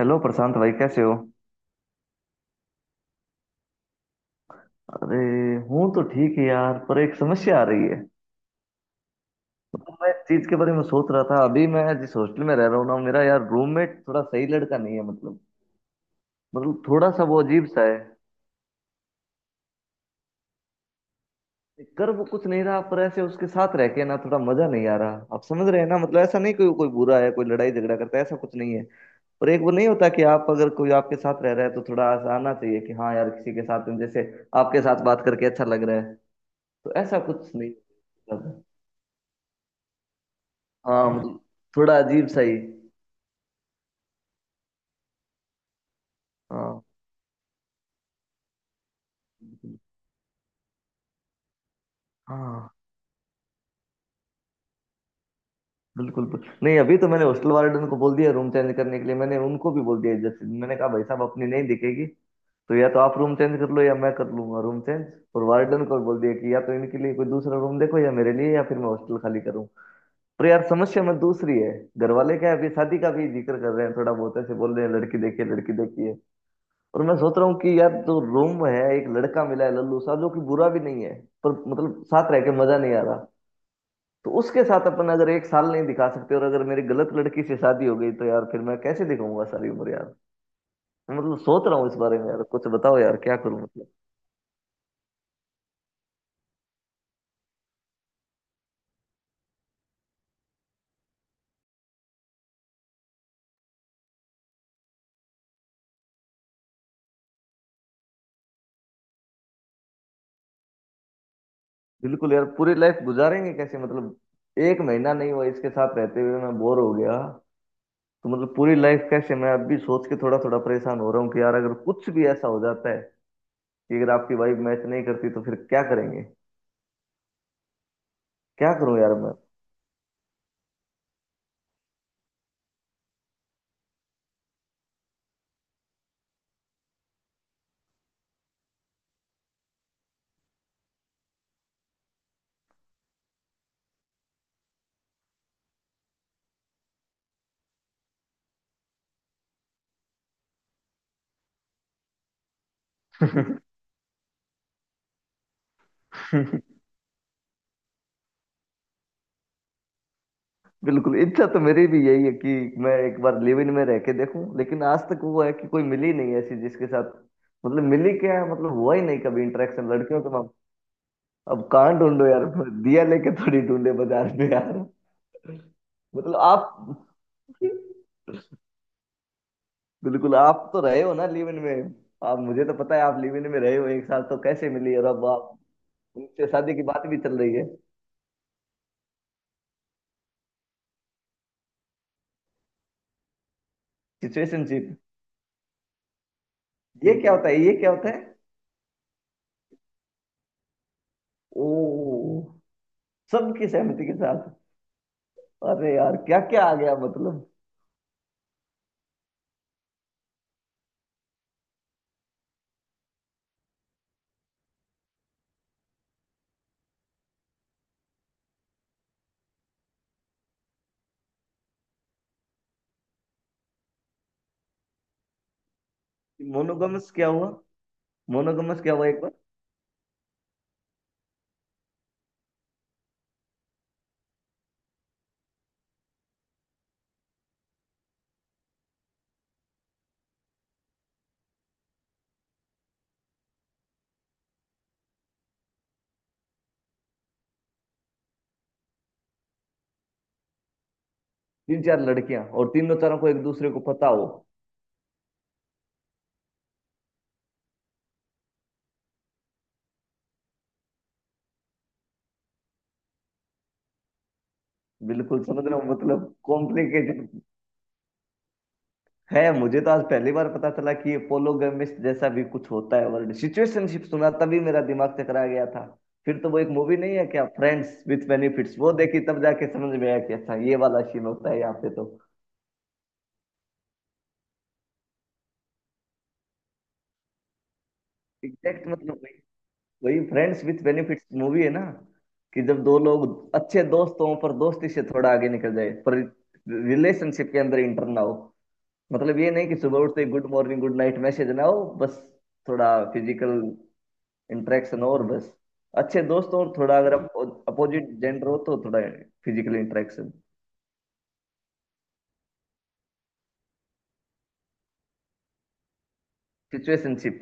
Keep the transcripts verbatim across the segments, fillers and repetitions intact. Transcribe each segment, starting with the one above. Hello Prashant भाई, कैसे हो? अरे, हूँ तो ठीक है यार। पर एक समस्या आ रही है। मतलब मैं इस चीज के बारे में सोच रहा था। अभी मैं जिस हॉस्टल में रह रहा हूँ ना, मेरा यार रूममेट थोड़ा सही लड़का नहीं है। मतलब मतलब थोड़ा सा वो अजीब सा है। कर वो कुछ नहीं रहा, पर ऐसे उसके साथ रह के ना थोड़ा मजा नहीं आ रहा। आप समझ रहे हैं ना? मतलब ऐसा नहीं, कोई कोई बुरा है, कोई लड़ाई झगड़ा करता है, ऐसा कुछ नहीं है। पर एक वो नहीं होता कि आप, अगर कोई आपके साथ रह रहा है तो थोड़ा ऐसा आना चाहिए कि हाँ यार, किसी के साथ जैसे आपके साथ बात करके अच्छा लग रहा है। तो ऐसा कुछ नहीं। हाँ मतलब, थोड़ा अजीब सा ही। हाँ, हाँ। बिल्कुल बिल्कुल। नहीं, अभी तो मैंने हॉस्टल वार्डन को बोल दिया रूम चेंज करने के लिए। मैंने उनको भी बोल दिया, जैसे मैंने कहा भाई साहब, अपनी नहीं दिखेगी तो या तो आप रूम चेंज कर लो या मैं कर लूंगा रूम चेंज। और वार्डन को बोल दिया कि या तो इनके लिए कोई दूसरा रूम देखो या मेरे लिए, या फिर मैं हॉस्टल खाली करूँ। पर यार समस्या में दूसरी है। घर वाले क्या है, अभी शादी का भी जिक्र कर रहे हैं, थोड़ा बहुत ऐसे बोल रहे हैं, लड़की देखिए, लड़की देखिए। और मैं सोच रहा हूँ कि यार जो रोम में है एक लड़का मिला है लल्लू सा, जो कि बुरा भी नहीं है, पर मतलब साथ रह के मजा नहीं आ रहा। तो उसके साथ अपन अगर एक साल नहीं दिखा सकते, और अगर मेरी गलत लड़की से शादी हो गई तो यार फिर मैं कैसे दिखाऊंगा सारी उम्र यार। मैं मतलब सोच रहा हूँ इस बारे में। यार कुछ बताओ यार, क्या करूं मतलब। बिल्कुल यार, पूरी लाइफ गुजारेंगे कैसे मतलब? एक महीना नहीं हुआ इसके साथ रहते हुए मैं बोर हो गया। तो मतलब पूरी लाइफ कैसे? मैं अब भी सोच के थोड़ा थोड़ा परेशान हो रहा हूँ कि यार अगर कुछ भी ऐसा हो जाता है कि अगर आपकी वाइफ मैच नहीं करती तो फिर क्या करेंगे? क्या करूं यार मैं? बिल्कुल, इच्छा तो मेरी भी यही है कि मैं एक बार लिव इन में रह के देखूं। लेकिन आज तक वो है कि कोई मिली नहीं ऐसी जिसके साथ, मतलब मिली क्या है, मतलब हुआ ही नहीं कभी इंटरेक्शन लड़कियों के माम। अब कहाँ ढूंढो यार? दिया लेके थोड़ी ढूंढे बाजार में यार। मतलब आप, बिल्कुल आप तो रहे हो ना लिव इन में। आप, मुझे तो पता है आप लिव इन में रहे हो एक साल। तो कैसे मिली? और अब आप उनसे शादी की बात भी चल रही है। सिचुएशनशिप, ये क्या होता है, ये क्या होता है? ओ, सबकी सहमति के साथ। अरे यार, क्या क्या आ गया मतलब। मोनोगमस क्या हुआ? मोनोगमस क्या हुआ एक बार? तीन चार लड़कियां और तीनों तरह को एक दूसरे को पता हो? बिल्कुल समझ रहा हूँ, मतलब कॉम्प्लिकेटेड है। मुझे तो आज पहली बार पता चला कि ये पोलोगेमिस्ट जैसा भी कुछ होता है। वर्ड सिचुएशनशिप सुना तभी मेरा दिमाग चकरा गया था। फिर तो वो एक मूवी नहीं है क्या, फ्रेंड्स विथ बेनिफिट्स? वो देखी तब जाके समझ में आया कि अच्छा, ये वाला सीन होता है यहाँ पे तो। एग्जैक्ट मतलब, वही फ्रेंड्स विथ बेनिफिट्स मूवी है ना, कि जब दो लोग अच्छे दोस्त हों, पर दोस्ती से थोड़ा आगे निकल जाए, पर रिलेशनशिप के अंदर इंटर ना हो। मतलब ये नहीं कि सुबह उठते good morning, good night message ना हो, बस थोड़ा फिजिकल इंटरेक्शन हो और बस, अच्छे दोस्त हो और थोड़ा अगर अपोजिट जेंडर हो तो थोड़ा फिजिकल इंटरेक्शन। सिचुएशनशिप।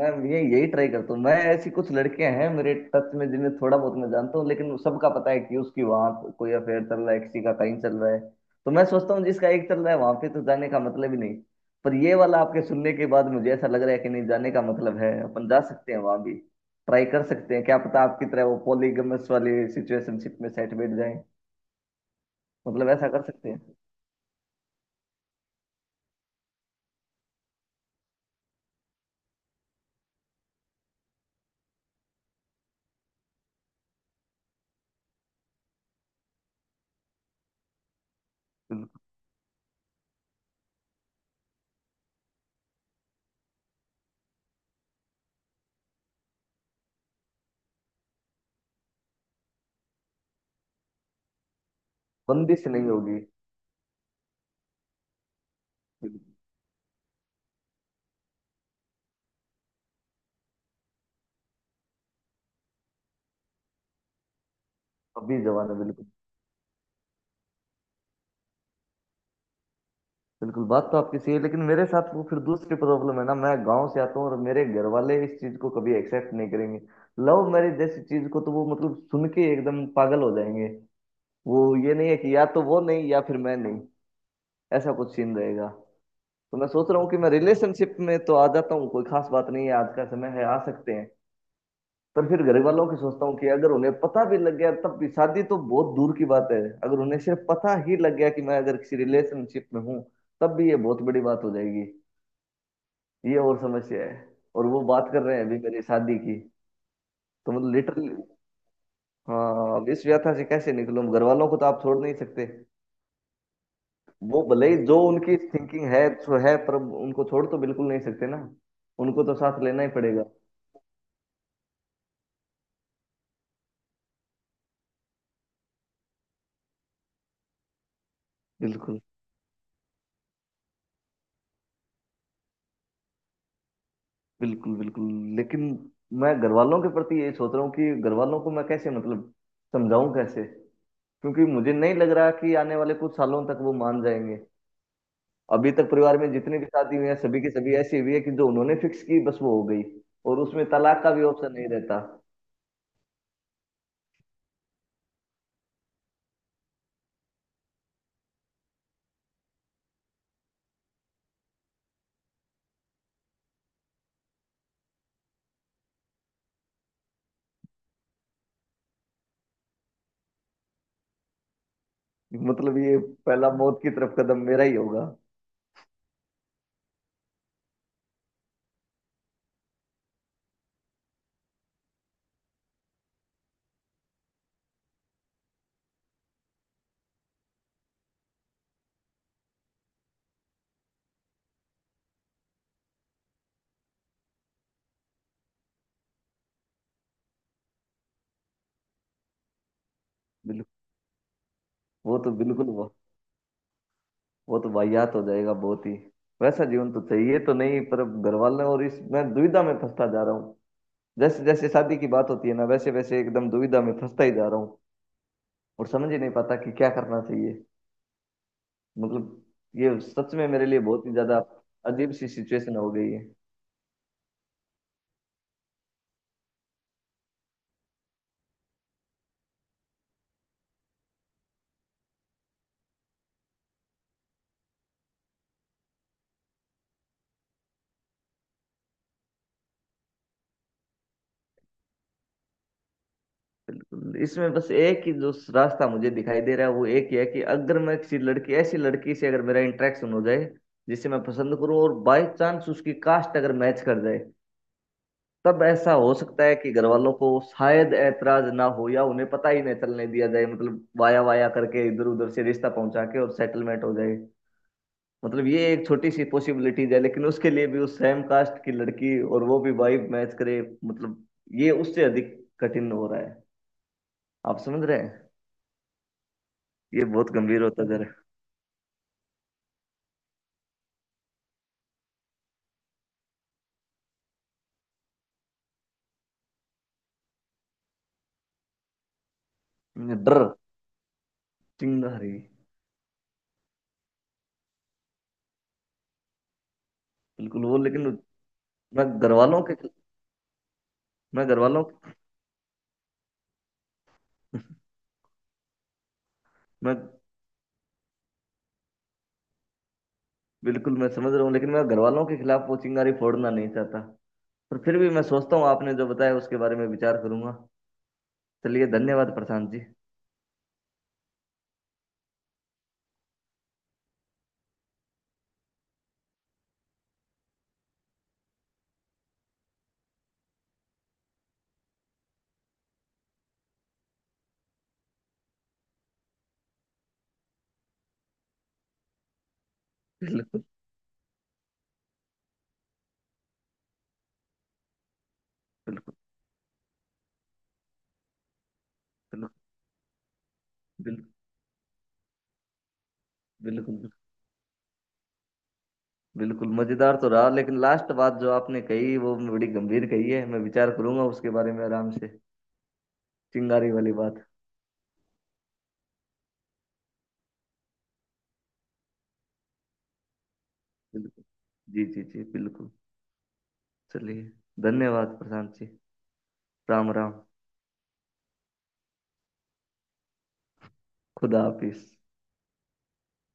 मैं ये यही ट्राई करता हूँ, मैं ऐसी कुछ लड़कियां हैं मेरे टच में जिन्हें थोड़ा बहुत मैं जानता हूँ, लेकिन सबका पता है कि उसकी वहां कोई अफेयर चल रहा है, किसी का कहीं चल रहा है। तो मैं सोचता हूँ, जिसका एक चल रहा है वहां पे तो जाने का मतलब ही नहीं। पर ये वाला आपके सुनने के बाद मुझे ऐसा लग रहा है कि नहीं, जाने का मतलब है, अपन जा सकते हैं वहां भी। ट्राई कर सकते हैं, क्या पता आपकी तरह वो पॉलीगमस वाली सिचुएशनशिप में सेट बैठ जाए। मतलब ऐसा कर सकते हैं। बिल्कुल। बंदिश नहीं होगी। बिल्कुल। अभी जवान है बिल्कुल। बिल्कुल बात तो आपकी सही है, लेकिन मेरे साथ वो फिर दूसरी प्रॉब्लम है ना, मैं गांव से आता हूँ, और मेरे घर वाले इस चीज को कभी एक्सेप्ट नहीं करेंगे। लव मैरिज जैसी चीज को तो वो मतलब सुन के एकदम पागल हो जाएंगे। वो, ये नहीं है कि या तो वो नहीं या फिर मैं नहीं, ऐसा कुछ सीन रहेगा। तो मैं सोच रहा हूँ कि मैं रिलेशनशिप में तो आ जाता हूँ, कोई खास बात नहीं है, आज का समय है, आ सकते हैं। पर फिर घर वालों की सोचता हूँ कि अगर उन्हें पता भी लग गया तब भी शादी तो बहुत दूर की बात है। अगर उन्हें सिर्फ पता ही लग गया कि मैं अगर किसी रिलेशनशिप में हूँ, तब भी ये बहुत बड़ी बात हो जाएगी। ये और समस्या है। और वो बात कर रहे हैं अभी मेरी शादी की। तो मतलब लिटरली, हाँ। अब इस व्यथा से कैसे निकलूं? घर वालों को तो आप छोड़ नहीं सकते। वो भले ही जो उनकी थिंकिंग है सो है, पर उनको छोड़ तो बिल्कुल नहीं सकते ना। उनको तो साथ लेना ही पड़ेगा। बिल्कुल बिल्कुल। बिल्कुल। लेकिन मैं घर वालों के प्रति ये सोच रहा हूँ कि घर वालों को मैं कैसे मतलब समझाऊं कैसे? क्योंकि मुझे नहीं लग रहा कि आने वाले कुछ सालों तक वो मान जाएंगे। अभी तक परिवार में जितनी भी शादी हुई है, सभी की सभी ऐसी हुई है कि जो उन्होंने फिक्स की बस वो हो गई। और उसमें तलाक का भी ऑप्शन नहीं रहता। मतलब ये पहला मौत की तरफ कदम मेरा ही होगा। बिल्कुल। वो तो बिल्कुल वो, वो तो वाहियात हो जाएगा बहुत ही। वैसा जीवन तो चाहिए तो नहीं, पर अब घर वाले और इस, मैं दुविधा में फंसता जा रहा हूँ। जैसे जैसे शादी की बात होती है ना, वैसे वैसे एकदम दुविधा में फंसता ही जा रहा हूँ। और समझ ही नहीं पाता कि क्या करना चाहिए। मतलब ये सच में मेरे लिए बहुत ही ज्यादा अजीब सी सिचुएशन हो गई है। इसमें बस एक ही जो रास्ता मुझे दिखाई दे रहा है, वो एक ही है कि अगर मैं किसी लड़की, ऐसी लड़की से अगर मेरा इंटरेक्शन हो जाए जिसे मैं पसंद करूं, और बाय चांस उसकी कास्ट अगर मैच कर जाए, तब ऐसा हो सकता है कि घर वालों को शायद ऐतराज ना हो या उन्हें पता ही नहीं चलने दिया जाए। मतलब वाया वाया करके इधर उधर से रिश्ता पहुंचा के और सेटलमेंट हो जाए। मतलब ये एक छोटी सी पॉसिबिलिटीज है, लेकिन उसके लिए भी उस सेम कास्ट की लड़की, और वो भी वाइब मैच करे, मतलब ये उससे अधिक कठिन हो रहा है। आप समझ रहे हैं? ये बहुत गंभीर होता जा रहा है जरा, डर। चिंगारी। बिल्कुल वो लेकिन, मैं घर वालों के मैं घर वालों मैं बिल्कुल, मैं समझ रहा हूँ, लेकिन मैं घर वालों के खिलाफ वो चिंगारी फोड़ना नहीं चाहता। पर फिर भी मैं सोचता हूँ आपने जो बताया उसके बारे में विचार करूंगा। चलिए, धन्यवाद प्रशांत जी। बिल्कुल। बिल्कुल। बिल्कुल। बिल्कुल। बिल्कुल। बिल्कुल मजेदार तो रहा, लेकिन लास्ट बात जो आपने कही वो बड़ी गंभीर कही है, मैं विचार करूंगा उसके बारे में आराम से। चिंगारी वाली बात। बिल्कुल। जी जी जी, बिल्कुल। चलिए, धन्यवाद प्रशांत जी। राम राम। खुदा हाफिज।